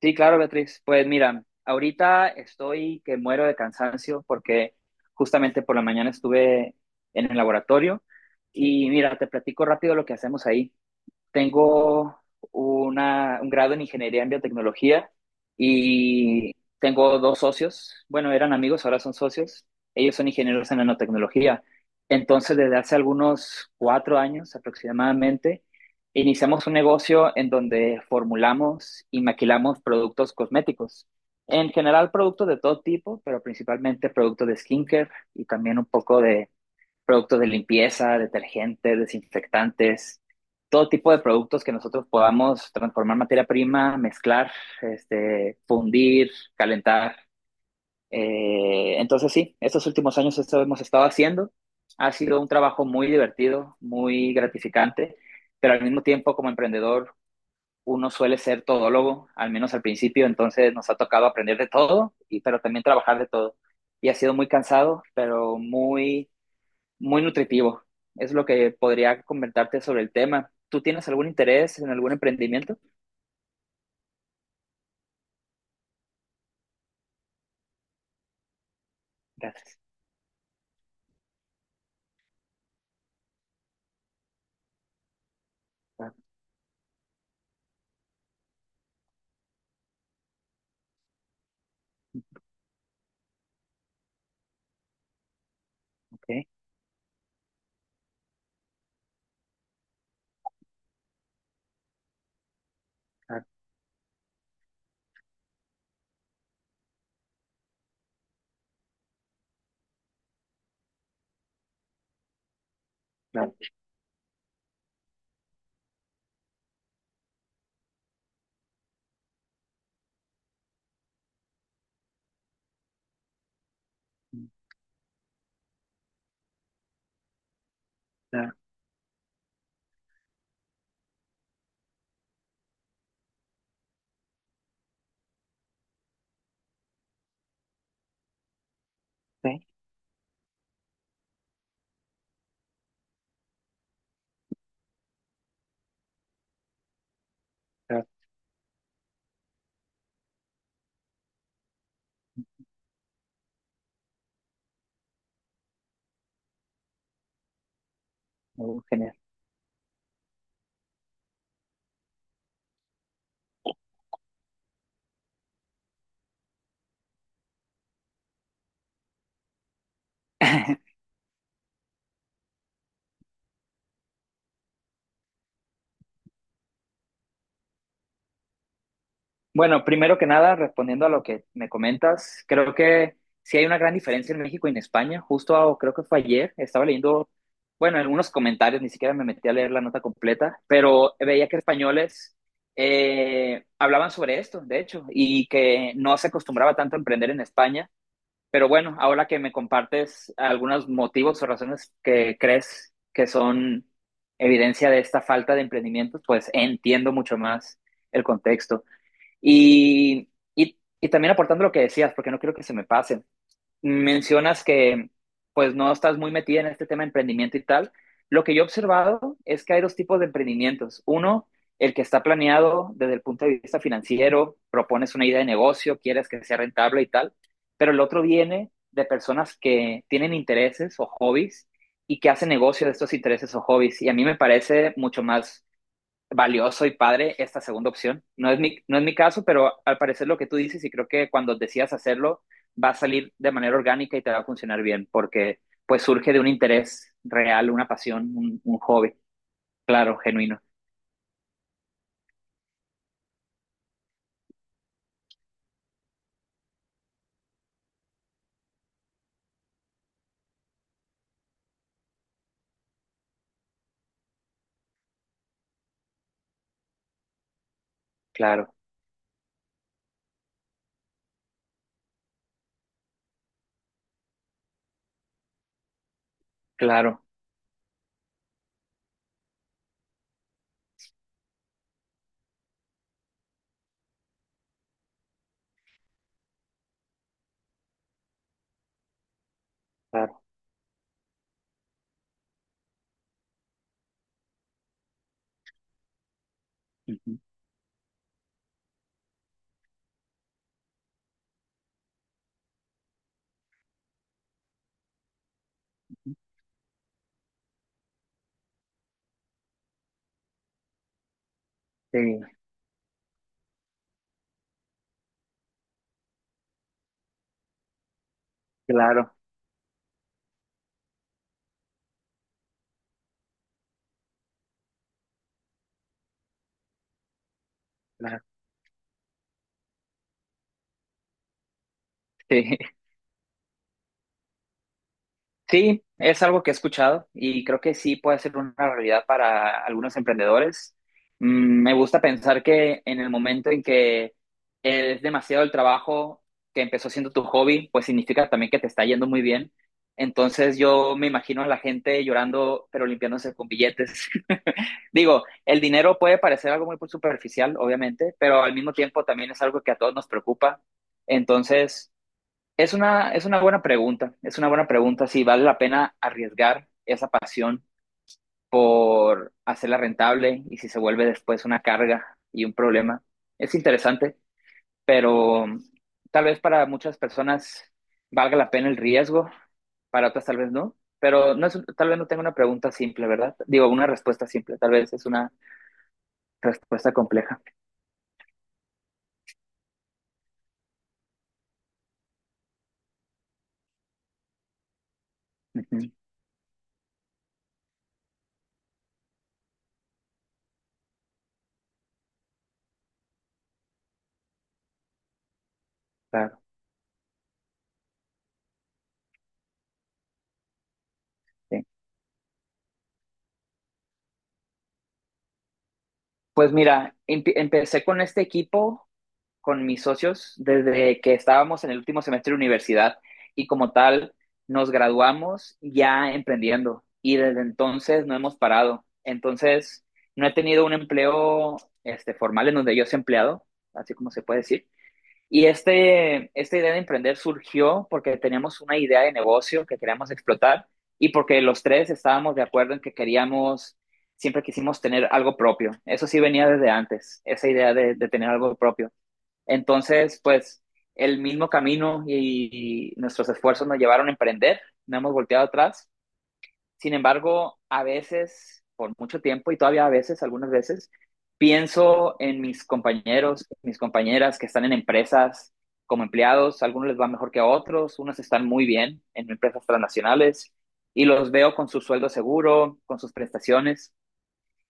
Sí, claro, Beatriz. Pues mira, ahorita estoy que muero de cansancio porque justamente por la mañana estuve en el laboratorio y mira, te platico rápido lo que hacemos ahí. Tengo un grado en ingeniería en biotecnología y tengo dos socios. Bueno, eran amigos, ahora son socios. Ellos son ingenieros en nanotecnología. Entonces, desde hace algunos 4 años aproximadamente, iniciamos un negocio en donde formulamos y maquilamos productos cosméticos. En general, productos de todo tipo, pero principalmente productos de skincare y también un poco de productos de limpieza, detergentes, desinfectantes, todo tipo de productos que nosotros podamos transformar materia prima, mezclar, fundir, calentar. Entonces sí, estos últimos años eso hemos estado haciendo. Ha sido un trabajo muy divertido, muy gratificante, pero al mismo tiempo como emprendedor uno suele ser todólogo, al menos al principio, entonces nos ha tocado aprender de todo, pero también trabajar de todo. Y ha sido muy cansado, pero muy muy nutritivo. Es lo que podría comentarte sobre el tema. ¿Tú tienes algún interés en algún emprendimiento? Gracias. Ah, ok. Ah, claro. Ah, ok. Ah, oh, genial. Bueno, primero que nada, respondiendo a lo que me comentas, creo que sí hay una gran diferencia en México y en España. Justo creo que fue ayer, estaba leyendo, bueno, algunos comentarios, ni siquiera me metí a leer la nota completa, pero veía que españoles hablaban sobre esto, de hecho, y que no se acostumbraba tanto a emprender en España. Pero bueno, ahora que me compartes algunos motivos o razones que crees que son evidencia de esta falta de emprendimiento pues entiendo mucho más el contexto. Y, y también aportando lo que decías, porque no quiero que se me pase, mencionas que pues no estás muy metida en este tema de emprendimiento y tal. Lo que yo he observado es que hay dos tipos de emprendimientos. Uno, el que está planeado desde el punto de vista financiero, propones una idea de negocio, quieres que sea rentable y tal, pero el otro viene de personas que tienen intereses o hobbies y que hacen negocio de estos intereses o hobbies. Y a mí me parece mucho más valioso y padre esta segunda opción. No es mi caso, pero al parecer lo que tú dices y creo que cuando decidas hacerlo va a salir de manera orgánica y te va a funcionar bien porque pues surge de un interés real, una pasión, un hobby. Claro, genuino. Claro, claro, claro. Ujú, ujú. Sí, claro, claro. Sí. Sí, es algo que he escuchado y creo que sí puede ser una realidad para algunos emprendedores. Me gusta pensar que en el momento en que es demasiado el trabajo que empezó siendo tu hobby, pues significa también que te está yendo muy bien. Entonces yo me imagino a la gente llorando, pero limpiándose con billetes. Digo, el dinero puede parecer algo muy superficial, obviamente, pero al mismo tiempo también es algo que a todos nos preocupa. Entonces... Es una buena pregunta, es una buena pregunta si vale la pena arriesgar esa pasión por hacerla rentable y si se vuelve después una carga y un problema. Es interesante, pero tal vez para muchas personas valga la pena el riesgo, para otras tal vez no, pero no es, tal vez no tenga una pregunta simple, ¿verdad? Digo, una respuesta simple, tal vez es una respuesta compleja. Ujú, claro, sí. Pues mira, empecé con este equipo con mis socios desde que estábamos en el último semestre de universidad y como tal nos graduamos ya emprendiendo y desde entonces no hemos parado. Entonces, no he tenido un empleo formal en donde yo sea empleado, así como se puede decir. Y esta idea de emprender surgió porque teníamos una idea de negocio que queríamos explotar y porque los tres estábamos de acuerdo en que queríamos, siempre quisimos tener algo propio. Eso sí venía desde antes, esa idea de tener algo propio. Entonces, pues el mismo camino y, nuestros esfuerzos nos llevaron a emprender, no hemos volteado atrás. Sin embargo, a veces, por mucho tiempo y todavía a veces, algunas veces, pienso en mis compañeros, mis compañeras que están en empresas como empleados, a algunos les va mejor que a otros, unos están muy bien en empresas transnacionales y los veo con su sueldo seguro, con sus prestaciones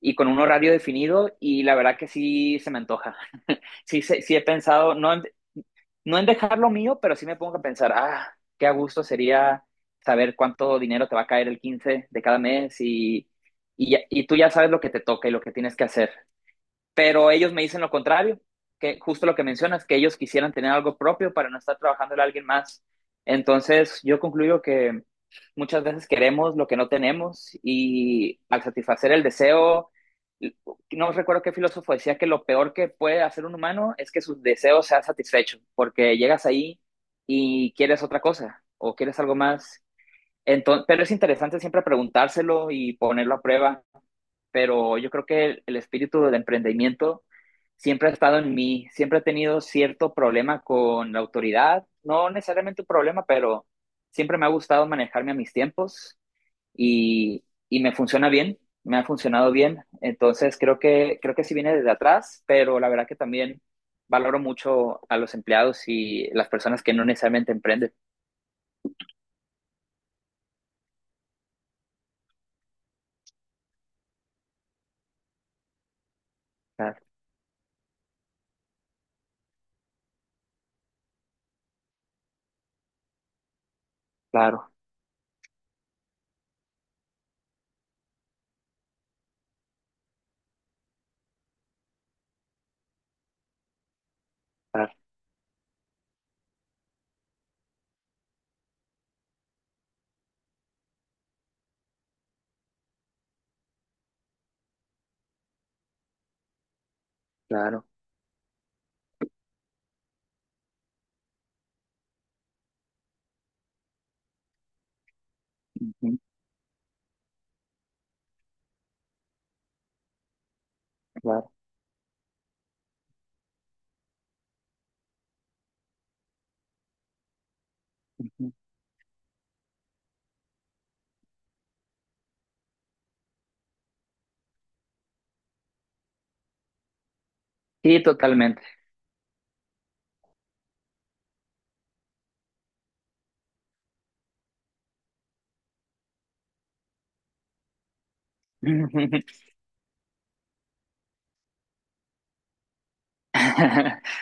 y con un horario definido y la verdad que sí se me antoja. Sí, sí, sí he pensado, no, no en dejar lo mío, pero sí me pongo a pensar, ah, qué a gusto sería saber cuánto dinero te va a caer el 15 de cada mes y tú ya sabes lo que te toca y lo que tienes que hacer. Pero ellos me dicen lo contrario, que justo lo que mencionas, que ellos quisieran tener algo propio para no estar trabajando a alguien más. Entonces, yo concluyo que muchas veces queremos lo que no tenemos y al satisfacer el deseo, no recuerdo qué filósofo decía que lo peor que puede hacer un humano es que sus deseos sean satisfechos, porque llegas ahí y quieres otra cosa o quieres algo más. Entonces, pero es interesante siempre preguntárselo y ponerlo a prueba pero yo creo que el espíritu del emprendimiento siempre ha estado en mí, siempre he tenido cierto problema con la autoridad, no necesariamente un problema, pero siempre me ha gustado manejarme a mis tiempos y, y me funciona bien, me ha funcionado bien, entonces creo que sí viene desde atrás, pero la verdad que también valoro mucho a los empleados y las personas que no necesariamente emprenden. Claro, claro, claro, claro, ujú, claro, ujú. Sí, totalmente.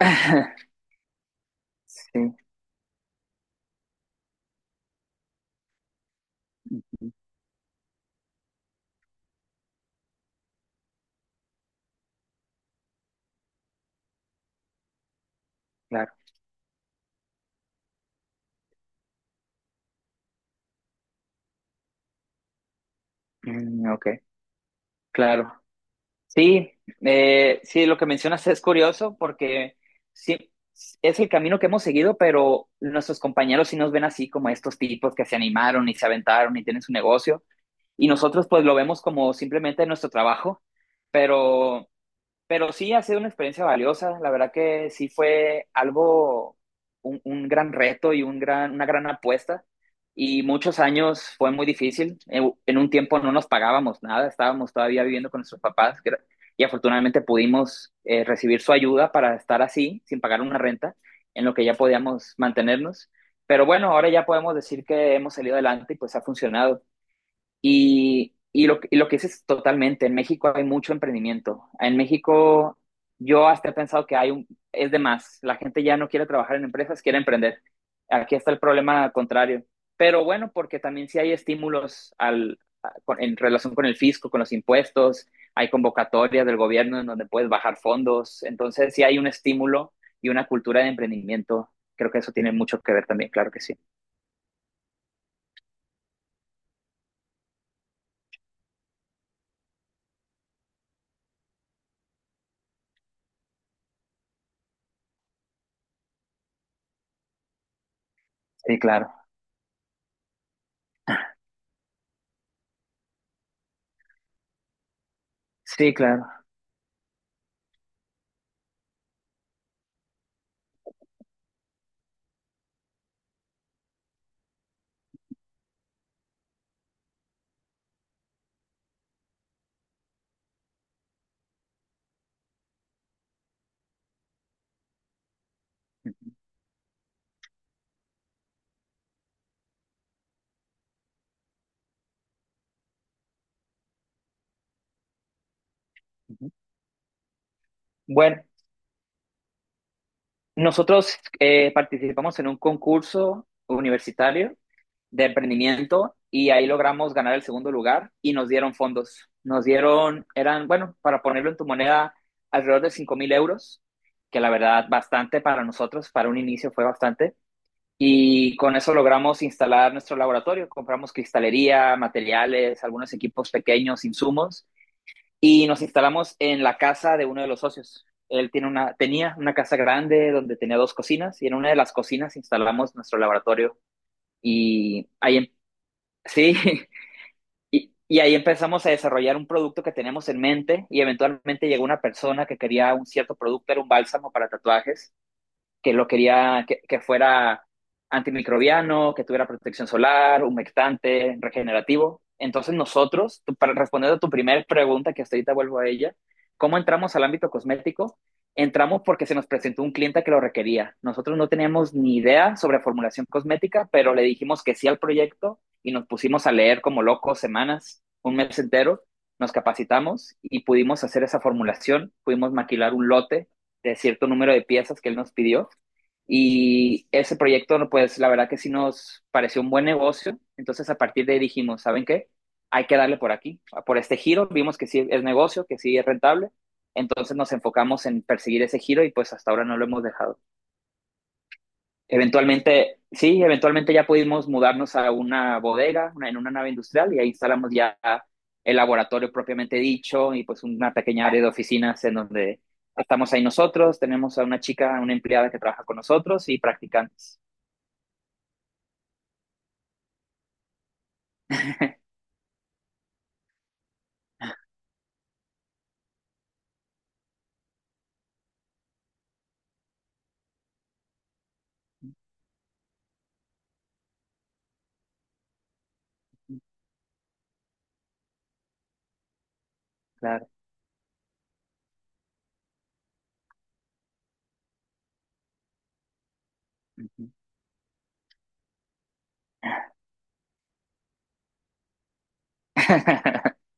Sí, claro. Mm, ok, claro. Sí, sí, lo que mencionas es curioso porque sí, es el camino que hemos seguido, pero nuestros compañeros sí nos ven así como estos tipos que se animaron y se aventaron y tienen su negocio. Y nosotros pues lo vemos como simplemente nuestro trabajo, pero Pero sí ha sido una experiencia valiosa, la verdad que sí fue algo, un gran reto y una gran apuesta. Y muchos años fue muy difícil. En un tiempo no nos pagábamos nada, estábamos todavía viviendo con nuestros papás, y afortunadamente pudimos recibir su ayuda para estar así, sin pagar una renta, en lo que ya podíamos mantenernos. Pero bueno, ahora ya podemos decir que hemos salido adelante y pues ha funcionado. Y lo que dices totalmente, en México hay mucho emprendimiento. En México yo hasta he pensado que hay es de más, la gente ya no quiere trabajar en empresas, quiere emprender. Aquí está el problema contrario. Pero bueno, porque también sí hay estímulos en relación con el fisco, con los impuestos, hay convocatorias del gobierno en donde puedes bajar fondos. Entonces sí hay un estímulo y una cultura de emprendimiento. Creo que eso tiene mucho que ver también, claro que sí. Sí, claro. Sí, claro. Ujú. Bueno. Nosotros participamos en un concurso universitario de emprendimiento y ahí logramos ganar el segundo lugar y nos dieron fondos. Nos dieron, eran, bueno, para ponerlo en tu moneda, alrededor de 5 mil euros, que la verdad bastante para nosotros, para un inicio fue bastante. Y con eso logramos instalar nuestro laboratorio. Compramos cristalería, materiales, algunos equipos pequeños, insumos y nos instalamos en la casa de uno de los socios. Él tenía una casa grande donde tenía dos cocinas y en una de las cocinas instalamos nuestro laboratorio y ahí, sí, y ahí empezamos a desarrollar un producto que teníamos en mente y eventualmente llegó una persona que quería un cierto producto, era un bálsamo para tatuajes que lo quería que fuera antimicrobiano, que tuviera protección solar, humectante, regenerativo. Entonces nosotros, para responder a tu primera pregunta, que hasta ahorita vuelvo a ella, ¿cómo entramos al ámbito cosmético? Entramos porque se nos presentó un cliente que lo requería. Nosotros no teníamos ni idea sobre formulación cosmética, pero le dijimos que sí al proyecto y nos pusimos a leer como locos semanas, un mes entero, nos capacitamos y pudimos hacer esa formulación, pudimos maquilar un lote de cierto número de piezas que él nos pidió. Y ese proyecto, pues la verdad que sí nos pareció un buen negocio. Entonces a partir de ahí dijimos, ¿saben qué? Hay que darle por aquí, ah, por este giro. Vimos que sí es negocio, que sí es rentable. Entonces nos enfocamos en perseguir ese giro y pues hasta ahora no lo hemos dejado. Eventualmente, sí, eventualmente ya pudimos mudarnos a una bodega, en una nave industrial, y ahí instalamos ya el laboratorio propiamente dicho y pues una pequeña área de oficinas en donde estamos ahí nosotros, tenemos a una chica, una empleada que trabaja con nosotros y practicantes. Claro. Ujú.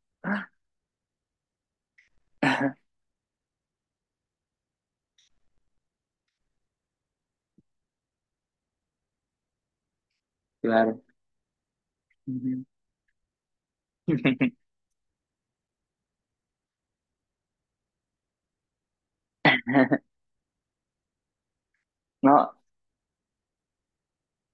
Claro. Ujú. No,